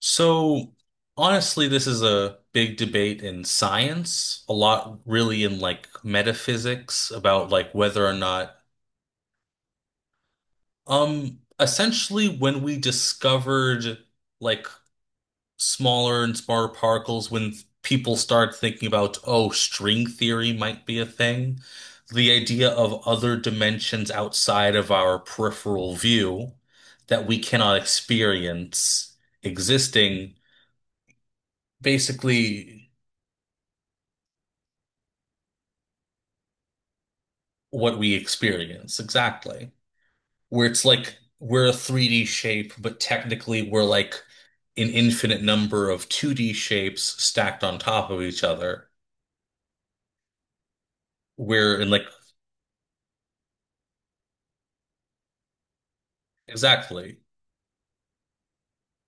So, honestly, this is a big debate in science, a lot really in like metaphysics about like whether or not, essentially when we discovered like smaller and smaller particles, when people start thinking about, oh, string theory might be a thing, the idea of other dimensions outside of our peripheral view that we cannot experience existing basically. What we experience exactly. Where it's like we're a 3D shape, but technically we're like an infinite number of 2D shapes stacked on top of each other. We're in like exactly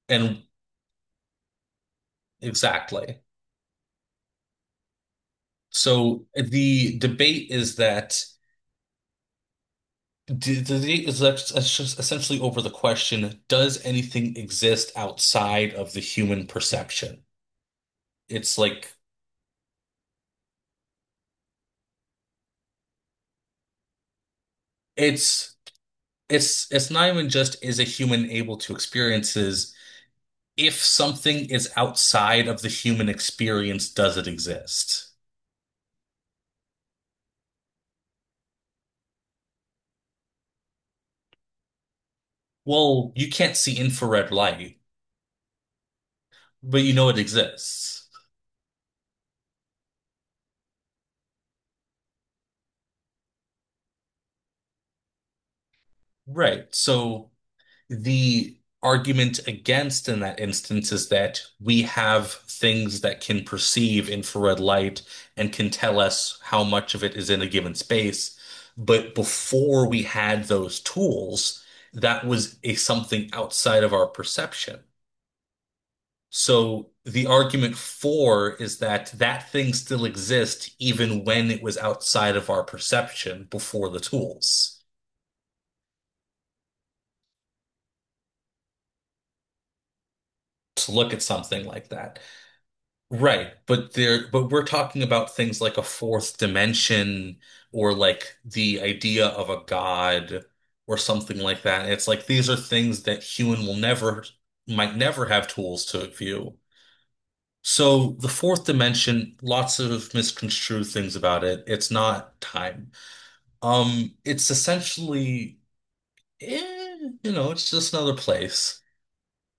and exactly. So the debate is that the debate is ex- it's just essentially over the question: does anything exist outside of the human perception? It's like it's it's not even just is a human able to experiences if something is outside of the human experience, does it exist? Well, you can't see infrared light, but you know it exists. Right. So the argument against in that instance is that we have things that can perceive infrared light and can tell us how much of it is in a given space. But before we had those tools, that was a something outside of our perception. So the argument for is that that thing still exists even when it was outside of our perception before the tools to look at something like that. Right, but we're talking about things like a fourth dimension or like the idea of a god or something like that. It's like these are things that human will never might never have tools to view. So the fourth dimension, lots of misconstrued things about it. It's not time. It's essentially, eh, it's just another place.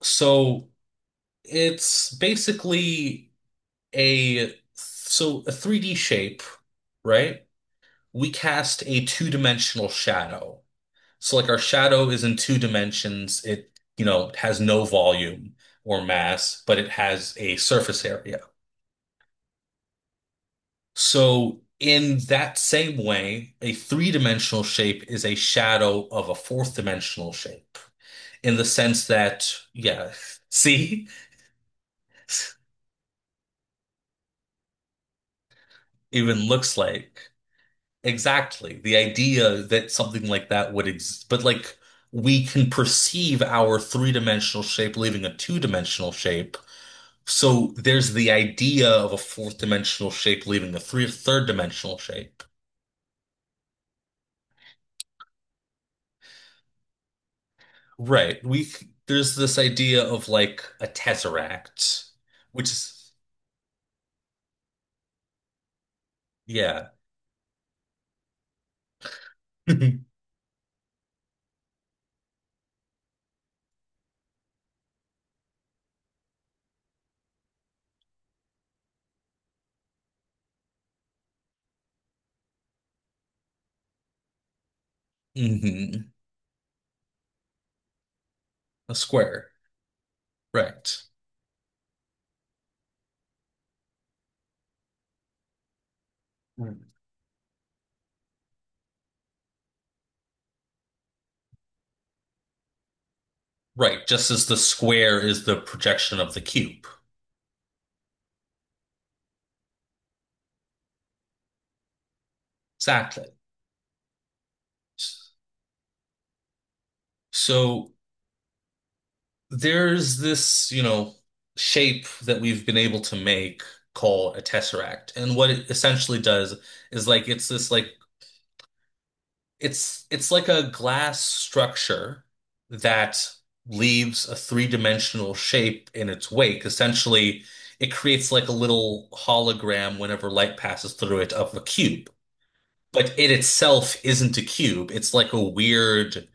So it's basically a 3D shape, right? We cast a two-dimensional shadow. So like our shadow is in two dimensions. It has no volume or mass, but it has a surface area. So in that same way, a three-dimensional shape is a shadow of a fourth-dimensional shape, in the sense that, yeah, see, even looks like exactly the idea that something like that would exist, but like we can perceive our three-dimensional shape leaving a two-dimensional shape. So there's the idea of a fourth-dimensional shape leaving a three third-dimensional shape. Right. We there's this idea of like a tesseract, which is, yeah. Hmm. A square. Right. Right, just as the square is the projection of the cube. Exactly. So there's this shape that we've been able to make called a tesseract. And what it essentially does is like it's this like it's like a glass structure that leaves a three-dimensional shape in its wake. Essentially, it creates like a little hologram whenever light passes through it of a cube. But it itself isn't a cube. It's like a weird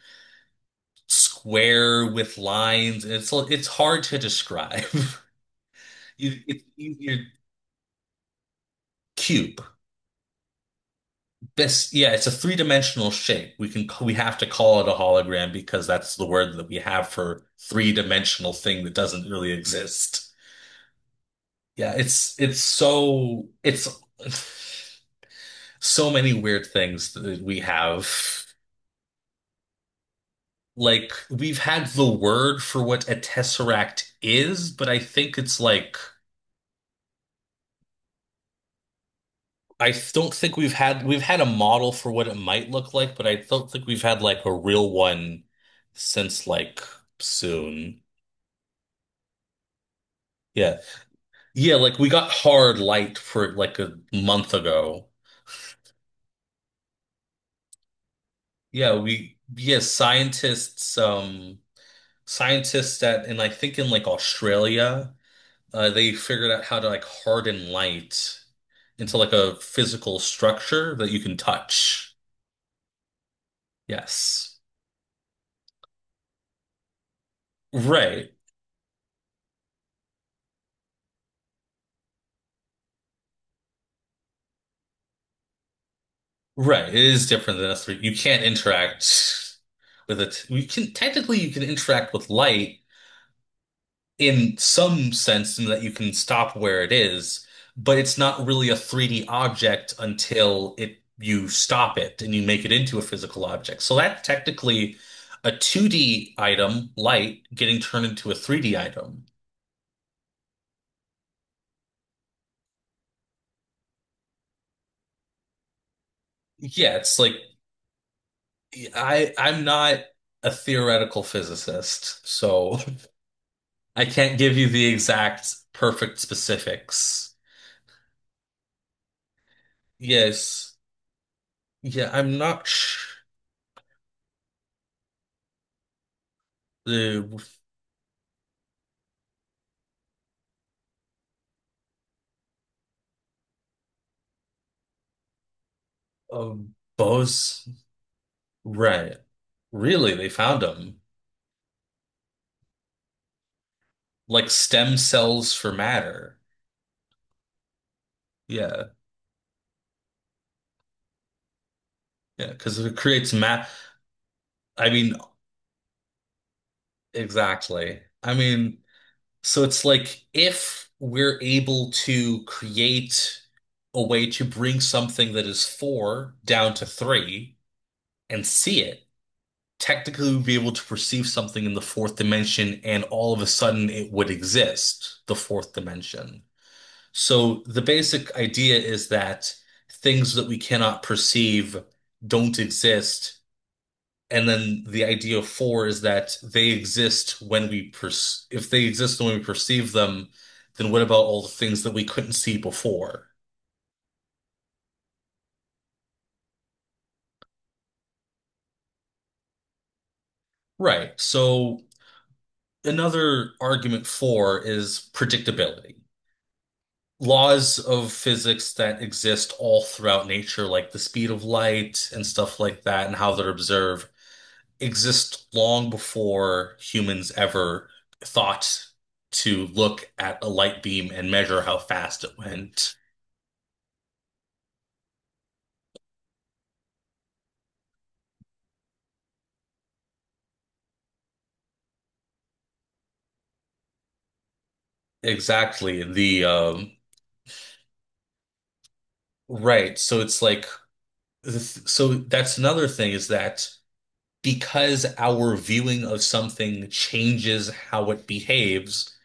square with lines. It's hard to describe. It's easier cube. This, yeah, it's a three-dimensional shape. We have to call it a hologram because that's the word that we have for three-dimensional thing that doesn't really exist. Yeah, it's so it's so many weird things that we have. Like we've had the word for what a tesseract is, but I think it's like I don't think we've had a model for what it might look like, but I don't think we've had like a real one since like soon. Yeah. Yeah, like we got hard light for like a month ago. Yeah, we yeah, scientists at and I think in like Australia, they figured out how to like harden light into like a physical structure that you can touch. Yes. Right. Right. It is different than a three. You can't interact with it. You can technically you can interact with light, in some sense in that you can stop where it is, but it's not really a 3D object until it you stop it and you make it into a physical object. So that's technically a 2D item, light, getting turned into a 3D item. Yeah, it's like I'm not a theoretical physicist, so I can't give you the exact perfect specifics. Yes. Yeah, I'm not sh the Bose. Right. Really, they found them. Like stem cells for matter. Yeah. Yeah. Because it creates ma. I mean, exactly. I mean, so it's like if we're able to create a way to bring something that is four down to three and see it, technically we'd be able to perceive something in the fourth dimension and all of a sudden it would exist, the fourth dimension. So the basic idea is that things that we cannot perceive don't exist. And then the idea of four is that they exist when we per if they exist when we perceive them, then what about all the things that we couldn't see before? Right. So another argument for is predictability. Laws of physics that exist all throughout nature, like the speed of light and stuff like that, and how they're observed exist long before humans ever thought to look at a light beam and measure how fast it went. Exactly. The right. So it's like so that's another thing is that because our viewing of something changes how it behaves,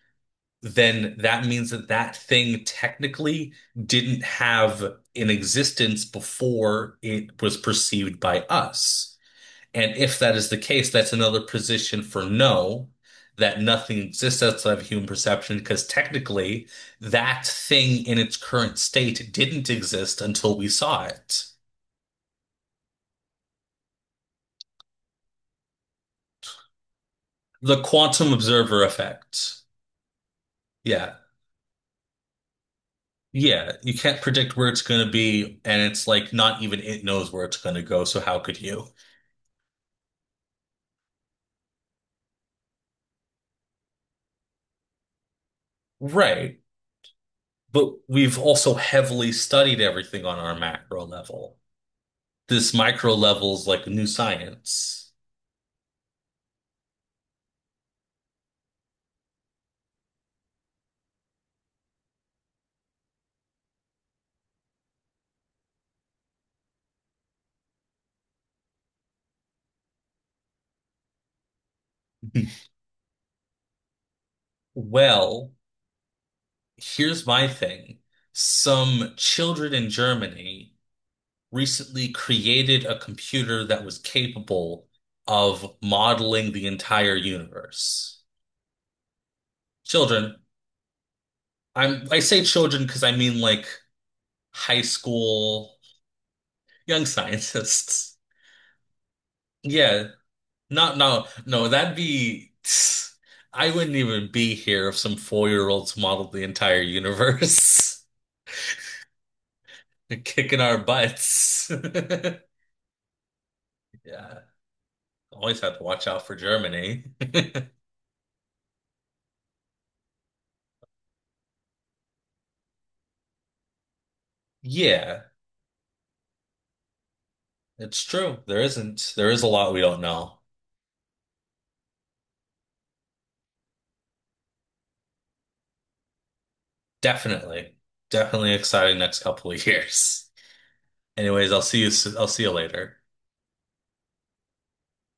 then that means that that thing technically didn't have an existence before it was perceived by us. And if that is the case, that's another position for no, that nothing exists outside of human perception, because technically that thing in its current state didn't exist until we saw it. The quantum observer effect. Yeah. Yeah. You can't predict where it's going to be, and it's like not even it knows where it's going to go, so how could you? Right. But we've also heavily studied everything on our macro level. This micro level is like new science. Well, here's my thing. Some children in Germany recently created a computer that was capable of modeling the entire universe. Children, I say children because I mean like high school young scientists. Yeah, not, no, no, that'd be I wouldn't even be here if some four-year-olds modeled the entire universe. They're kicking our butts. Yeah. Always have to watch out for Germany. Yeah, it's true. There isn't, there is a lot we don't know. Definitely. Definitely exciting next couple of years. Anyways, I'll see you later.